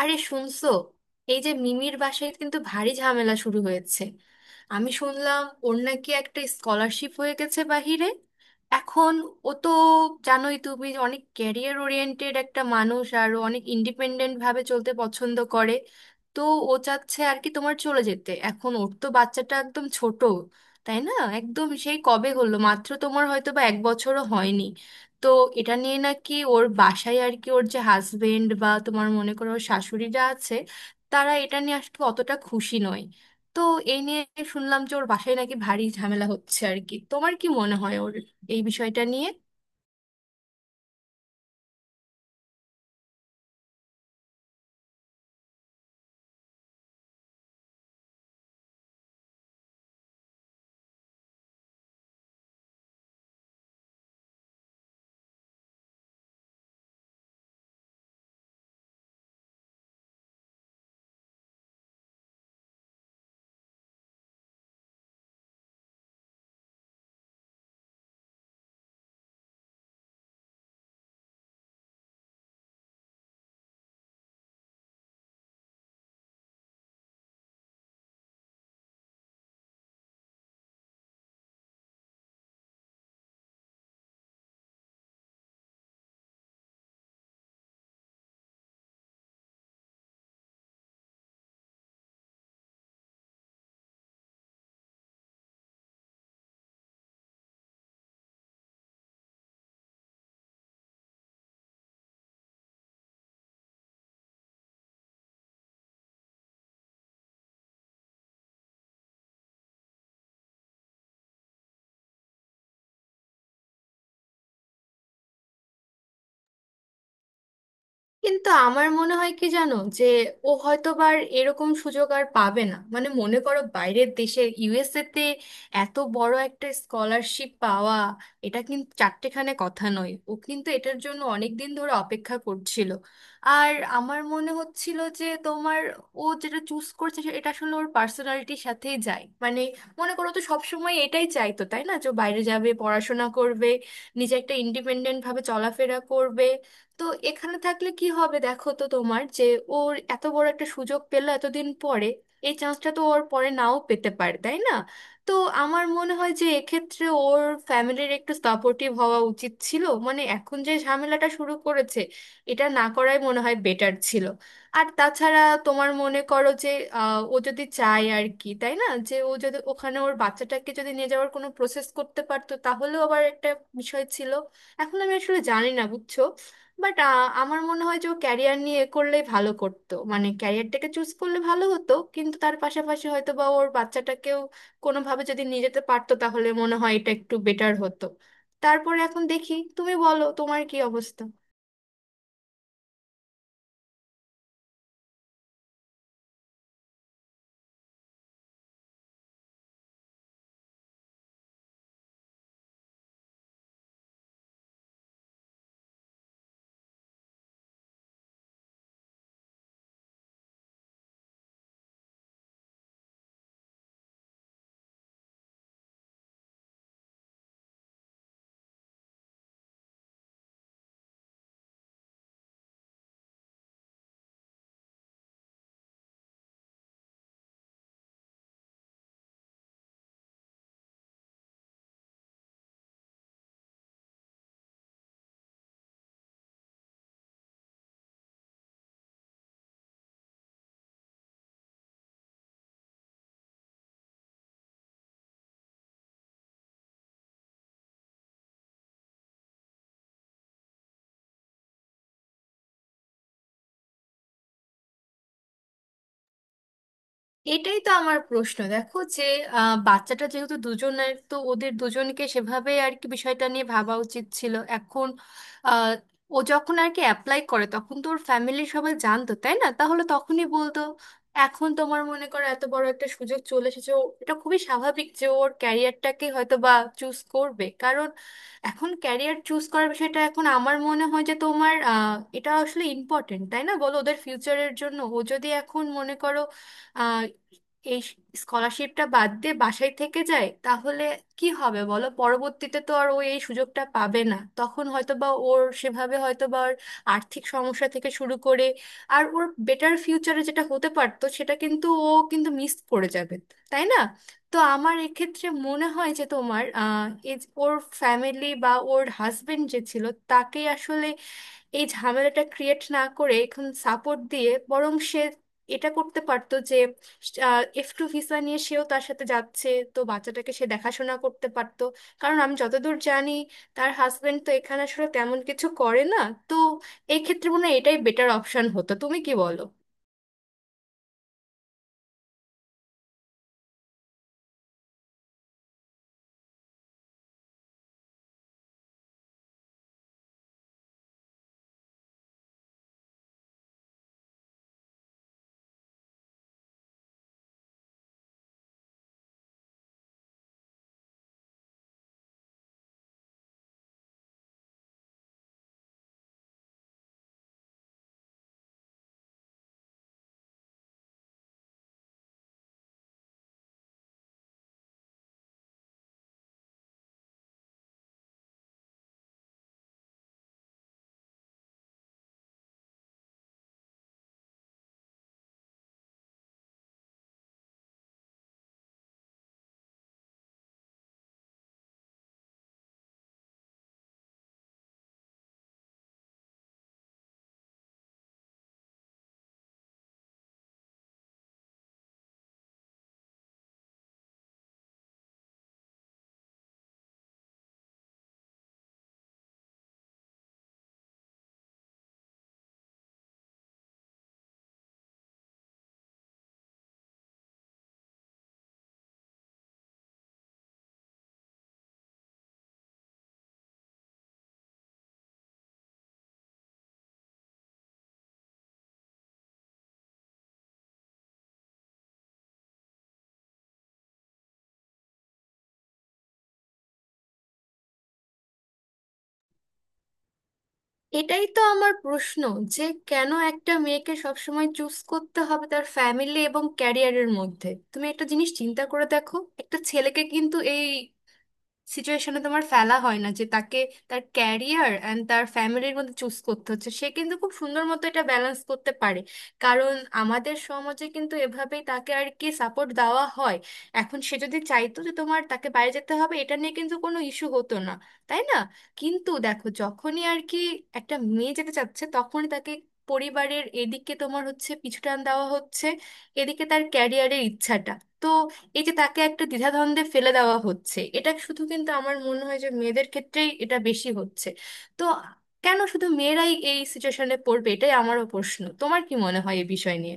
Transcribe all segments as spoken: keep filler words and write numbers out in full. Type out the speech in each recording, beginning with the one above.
আরে শুনছো? এই যে মিমির বাসায় কিন্তু ভারী ঝামেলা শুরু হয়েছে। আমি শুনলাম ওর নাকি একটা স্কলারশিপ হয়ে গেছে বাহিরে। এখন ও তো জানোই তুমি যে অনেক ক্যারিয়ার ওরিয়েন্টেড একটা মানুষ, আর ও অনেক ইন্ডিপেন্ডেন্ট ভাবে চলতে পছন্দ করে। তো ও চাচ্ছে আর কি তোমার চলে যেতে, এখন ওর তো বাচ্চাটা একদম ছোট, তাই না? একদম সেই কবে হলো মাত্র, তোমার হয়তো বা এক বছরও হয়নি। তো এটা নিয়ে নাকি ওর বাসায় আর কি, ওর যে হাজবেন্ড বা তোমার মনে করো ওর শাশুড়িরা আছে, তারা এটা নিয়ে আসলে অতটা খুশি নয়। তো এই নিয়ে শুনলাম যে ওর বাসায় নাকি ভারী ঝামেলা হচ্ছে আর কি। তোমার কি মনে হয় ওর এই বিষয়টা নিয়ে? কিন্তু আমার মনে হয় কি জানো যে ও হয়তোবার এরকম সুযোগ আর পাবে না, মানে মনে করো বাইরের দেশে ইউএসএ তে এত বড় একটা স্কলারশিপ পাওয়া এটা কিন্তু চারটেখানে কথা নয়। ও কিন্তু এটার জন্য অনেক দিন ধরে অপেক্ষা করছিল। আর আমার মনে হচ্ছিল যে তোমার ও যেটা চুজ করছে সে- এটা আসলে ওর পার্সোনালিটির সাথেই যায়, মানে মনে করো তো সবসময় এটাই চাইতো তাই না, যে ও বাইরে যাবে পড়াশোনা করবে, নিজে একটা ইন্ডিপেন্ডেন্ট ভাবে চলাফেরা করবে। তো এখানে থাকলে কি হবে, দেখো তো তোমার যে ওর এত বড় একটা সুযোগ পেলো এতদিন পরে, এই চান্সটা তো ওর পরে নাও পেতে পারে, তাই না? তো আমার মনে হয় যে এক্ষেত্রে ওর ফ্যামিলির একটু সাপোর্টিভ হওয়া উচিত ছিল, মানে এখন যে ঝামেলাটা শুরু করেছে এটা না করাই মনে হয় বেটার ছিল। আর তাছাড়া তোমার মনে করো যে আহ, ও যদি চায় আর কি, তাই না, যে ও যদি ওখানে ওর বাচ্চাটাকে যদি নিয়ে যাওয়ার কোনো প্রসেস করতে পারতো তাহলেও আবার একটা বিষয় ছিল। এখন আমি আসলে জানি না, বুঝছো, বাট আমার মনে হয় যে ও ক্যারিয়ার নিয়ে এ করলেই ভালো করতো, মানে ক্যারিয়ারটাকে চুজ করলে ভালো হতো, কিন্তু তার পাশাপাশি হয়তো বা ওর বাচ্চাটাকেও কোনোভাবে যদি নিয়ে যেতে পারতো তাহলে মনে হয় এটা একটু বেটার হতো। তারপরে এখন দেখি, তুমি বলো তোমার কি অবস্থা। এটাই তো আমার প্রশ্ন, দেখো যে আহ, বাচ্চাটা যেহেতু দুজনের তো ওদের দুজনকে সেভাবে আর কি বিষয়টা নিয়ে ভাবা উচিত ছিল এখন। আহ, ও যখন আর কি অ্যাপ্লাই করে তখন তো ওর ফ্যামিলির সবাই জানতো তাই না, তাহলে তখনই বলতো। এখন তোমার মনে করো এত বড় একটা সুযোগ চলে এসেছে, ও- এটা খুবই স্বাভাবিক যে ওর ক্যারিয়ারটাকে হয়তো বা চুজ করবে, কারণ এখন ক্যারিয়ার চুজ করার বিষয়টা এখন আমার মনে হয় যে তোমার আহ, এটা আসলে ইম্পর্টেন্ট, তাই না বলো, ওদের ফিউচারের জন্য। ও যদি এখন মনে করো আহ, এই স্কলারশিপটা বাদ দিয়ে বাসায় থেকে যায় তাহলে কি হবে বলো, পরবর্তীতে তো আর ও এই সুযোগটা পাবে না, তখন হয়তো বা ওর সেভাবে হয়তো বা ওর আর্থিক সমস্যা থেকে শুরু করে আর ওর বেটার ফিউচারে যেটা হতে পারতো সেটা কিন্তু ও কিন্তু মিস করে যাবে, তাই না? তো আমার এক্ষেত্রে মনে হয় যে তোমার আহ, এই যে ওর ফ্যামিলি বা ওর হাজবেন্ড যে ছিল, তাকে আসলে এই ঝামেলাটা ক্রিয়েট না করে এখন সাপোর্ট দিয়ে বরং সে এটা করতে পারতো যে এফ টু ভিসা নিয়ে সেও তার সাথে যাচ্ছে, তো বাচ্চাটাকে সে দেখাশোনা করতে পারতো। কারণ আমি যতদূর জানি তার হাজবেন্ড তো এখানে আসলে তেমন কিছু করে না। তো এই ক্ষেত্রে মনে হয় এটাই বেটার অপশন হতো, তুমি কি বলো? এটাই তো আমার প্রশ্ন, যে কেন একটা মেয়েকে সবসময় চুজ করতে হবে তার ফ্যামিলি এবং ক্যারিয়ারের মধ্যে। তুমি একটা জিনিস চিন্তা করে দেখো, একটা ছেলেকে কিন্তু এই সিচুয়েশনে তোমার ফেলা হয় না যে তাকে তার ক্যারিয়ার অ্যান্ড তার ফ্যামিলির মধ্যে চুজ করতে হচ্ছে, সে কিন্তু খুব সুন্দর মতো এটা ব্যালেন্স করতে পারে, কারণ আমাদের সমাজে কিন্তু এভাবেই তাকে আর কি সাপোর্ট দেওয়া হয়। এখন সে যদি চাইতো যে তোমার তাকে বাইরে যেতে হবে এটা নিয়ে কিন্তু কোনো ইস্যু হতো না, তাই না? কিন্তু দেখো যখনই আর কি একটা মেয়ে যেতে চাচ্ছে তখনই তাকে পরিবারের এদিকে তোমার হচ্ছে পিছুটান দেওয়া হচ্ছে, এদিকে তার ক্যারিয়ারের ইচ্ছাটা। তো এই যে তাকে একটা দ্বিধাদ্বন্দ্বে ফেলে দেওয়া হচ্ছে, এটা শুধু কিন্তু আমার মনে হয় যে মেয়েদের ক্ষেত্রেই এটা বেশি হচ্ছে। তো কেন শুধু মেয়েরাই এই সিচুয়েশনে পড়বে, এটাই আমারও প্রশ্ন। তোমার কি মনে হয় এই বিষয় নিয়ে?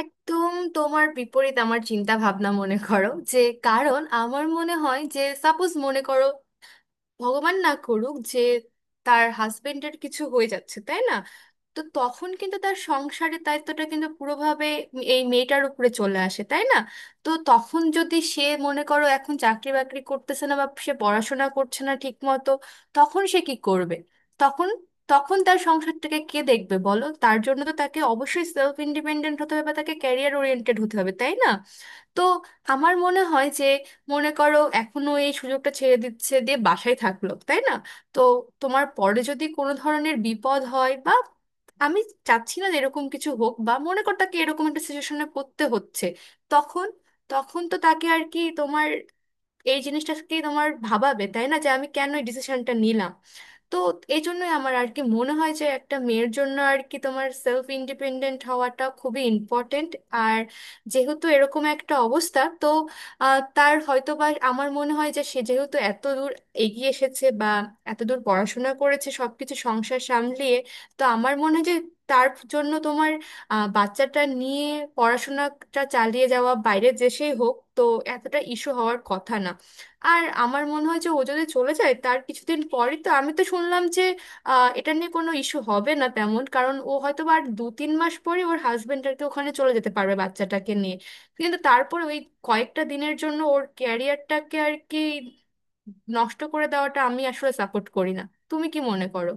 একদম তোমার বিপরীত আমার চিন্তা ভাবনা, মনে করো যে, কারণ আমার মনে হয় যে সাপোজ মনে করো ভগবান না করুক যে তার হাজবেন্ডের কিছু হয়ে যাচ্ছে, তাই না? তো তখন কিন্তু তার সংসারের দায়িত্বটা কিন্তু পুরোভাবে এই মেয়েটার উপরে চলে আসে, তাই না? তো তখন যদি সে মনে করো এখন চাকরি বাকরি করতেছে না বা সে পড়াশোনা করছে না ঠিক মতো, তখন সে কি করবে? তখন তখন তার সংসারটাকে কে দেখবে বলো? তার জন্য তো তাকে অবশ্যই সেলফ ইন্ডিপেন্ডেন্ট হতে হবে বা তাকে ক্যারিয়ার ওরিয়েন্টেড হতে হবে, তাই না? তো আমার মনে হয় যে মনে করো এখনো এই সুযোগটা ছেড়ে দিচ্ছে দিয়ে বাসায় থাকলো, তাই না? তো তোমার পরে যদি কোনো ধরনের বিপদ হয় বা, আমি চাচ্ছি না যে এরকম কিছু হোক বা মনে কর তাকে এরকম একটা সিচুয়েশনে পড়তে হচ্ছে, তখন তখন তো তাকে আর কি তোমার এই জিনিসটাকে তোমার ভাবাবে, তাই না, যে আমি কেন এই ডিসিশনটা নিলাম। তো এই জন্যই আমার আর কি মনে হয় যে একটা মেয়ের জন্য আর কি তোমার সেলফ ইন্ডিপেন্ডেন্ট হওয়াটা খুবই ইম্পর্টেন্ট। আর যেহেতু এরকম একটা অবস্থা, তো আহ, তার হয়তো বা আমার মনে হয় যে সে যেহেতু এত দূর এগিয়ে এসেছে বা এত দূর পড়াশোনা করেছে সবকিছু সংসার সামলিয়ে, তো আমার মনে হয় যে তার জন্য তোমার আহ, বাচ্চাটা নিয়ে পড়াশোনাটা চালিয়ে যাওয়া বাইরে দেশেই হোক, তো এতটা ইস্যু হওয়ার কথা না। আর আমার মনে হয় যে ও যদি চলে যায় তার কিছুদিন পরই তো, আমি তো শুনলাম যে আহ, এটা নিয়ে কোনো ইস্যু হবে না তেমন, কারণ ও হয়তো বা আর দু তিন মাস পরে ওর হাজবেন্ড আর কি ওখানে চলে যেতে পারবে বাচ্চাটাকে নিয়ে। কিন্তু তারপর ওই কয়েকটা দিনের জন্য ওর ক্যারিয়ারটাকে আর কি নষ্ট করে দেওয়াটা আমি আসলে সাপোর্ট করি না। তুমি কি মনে করো?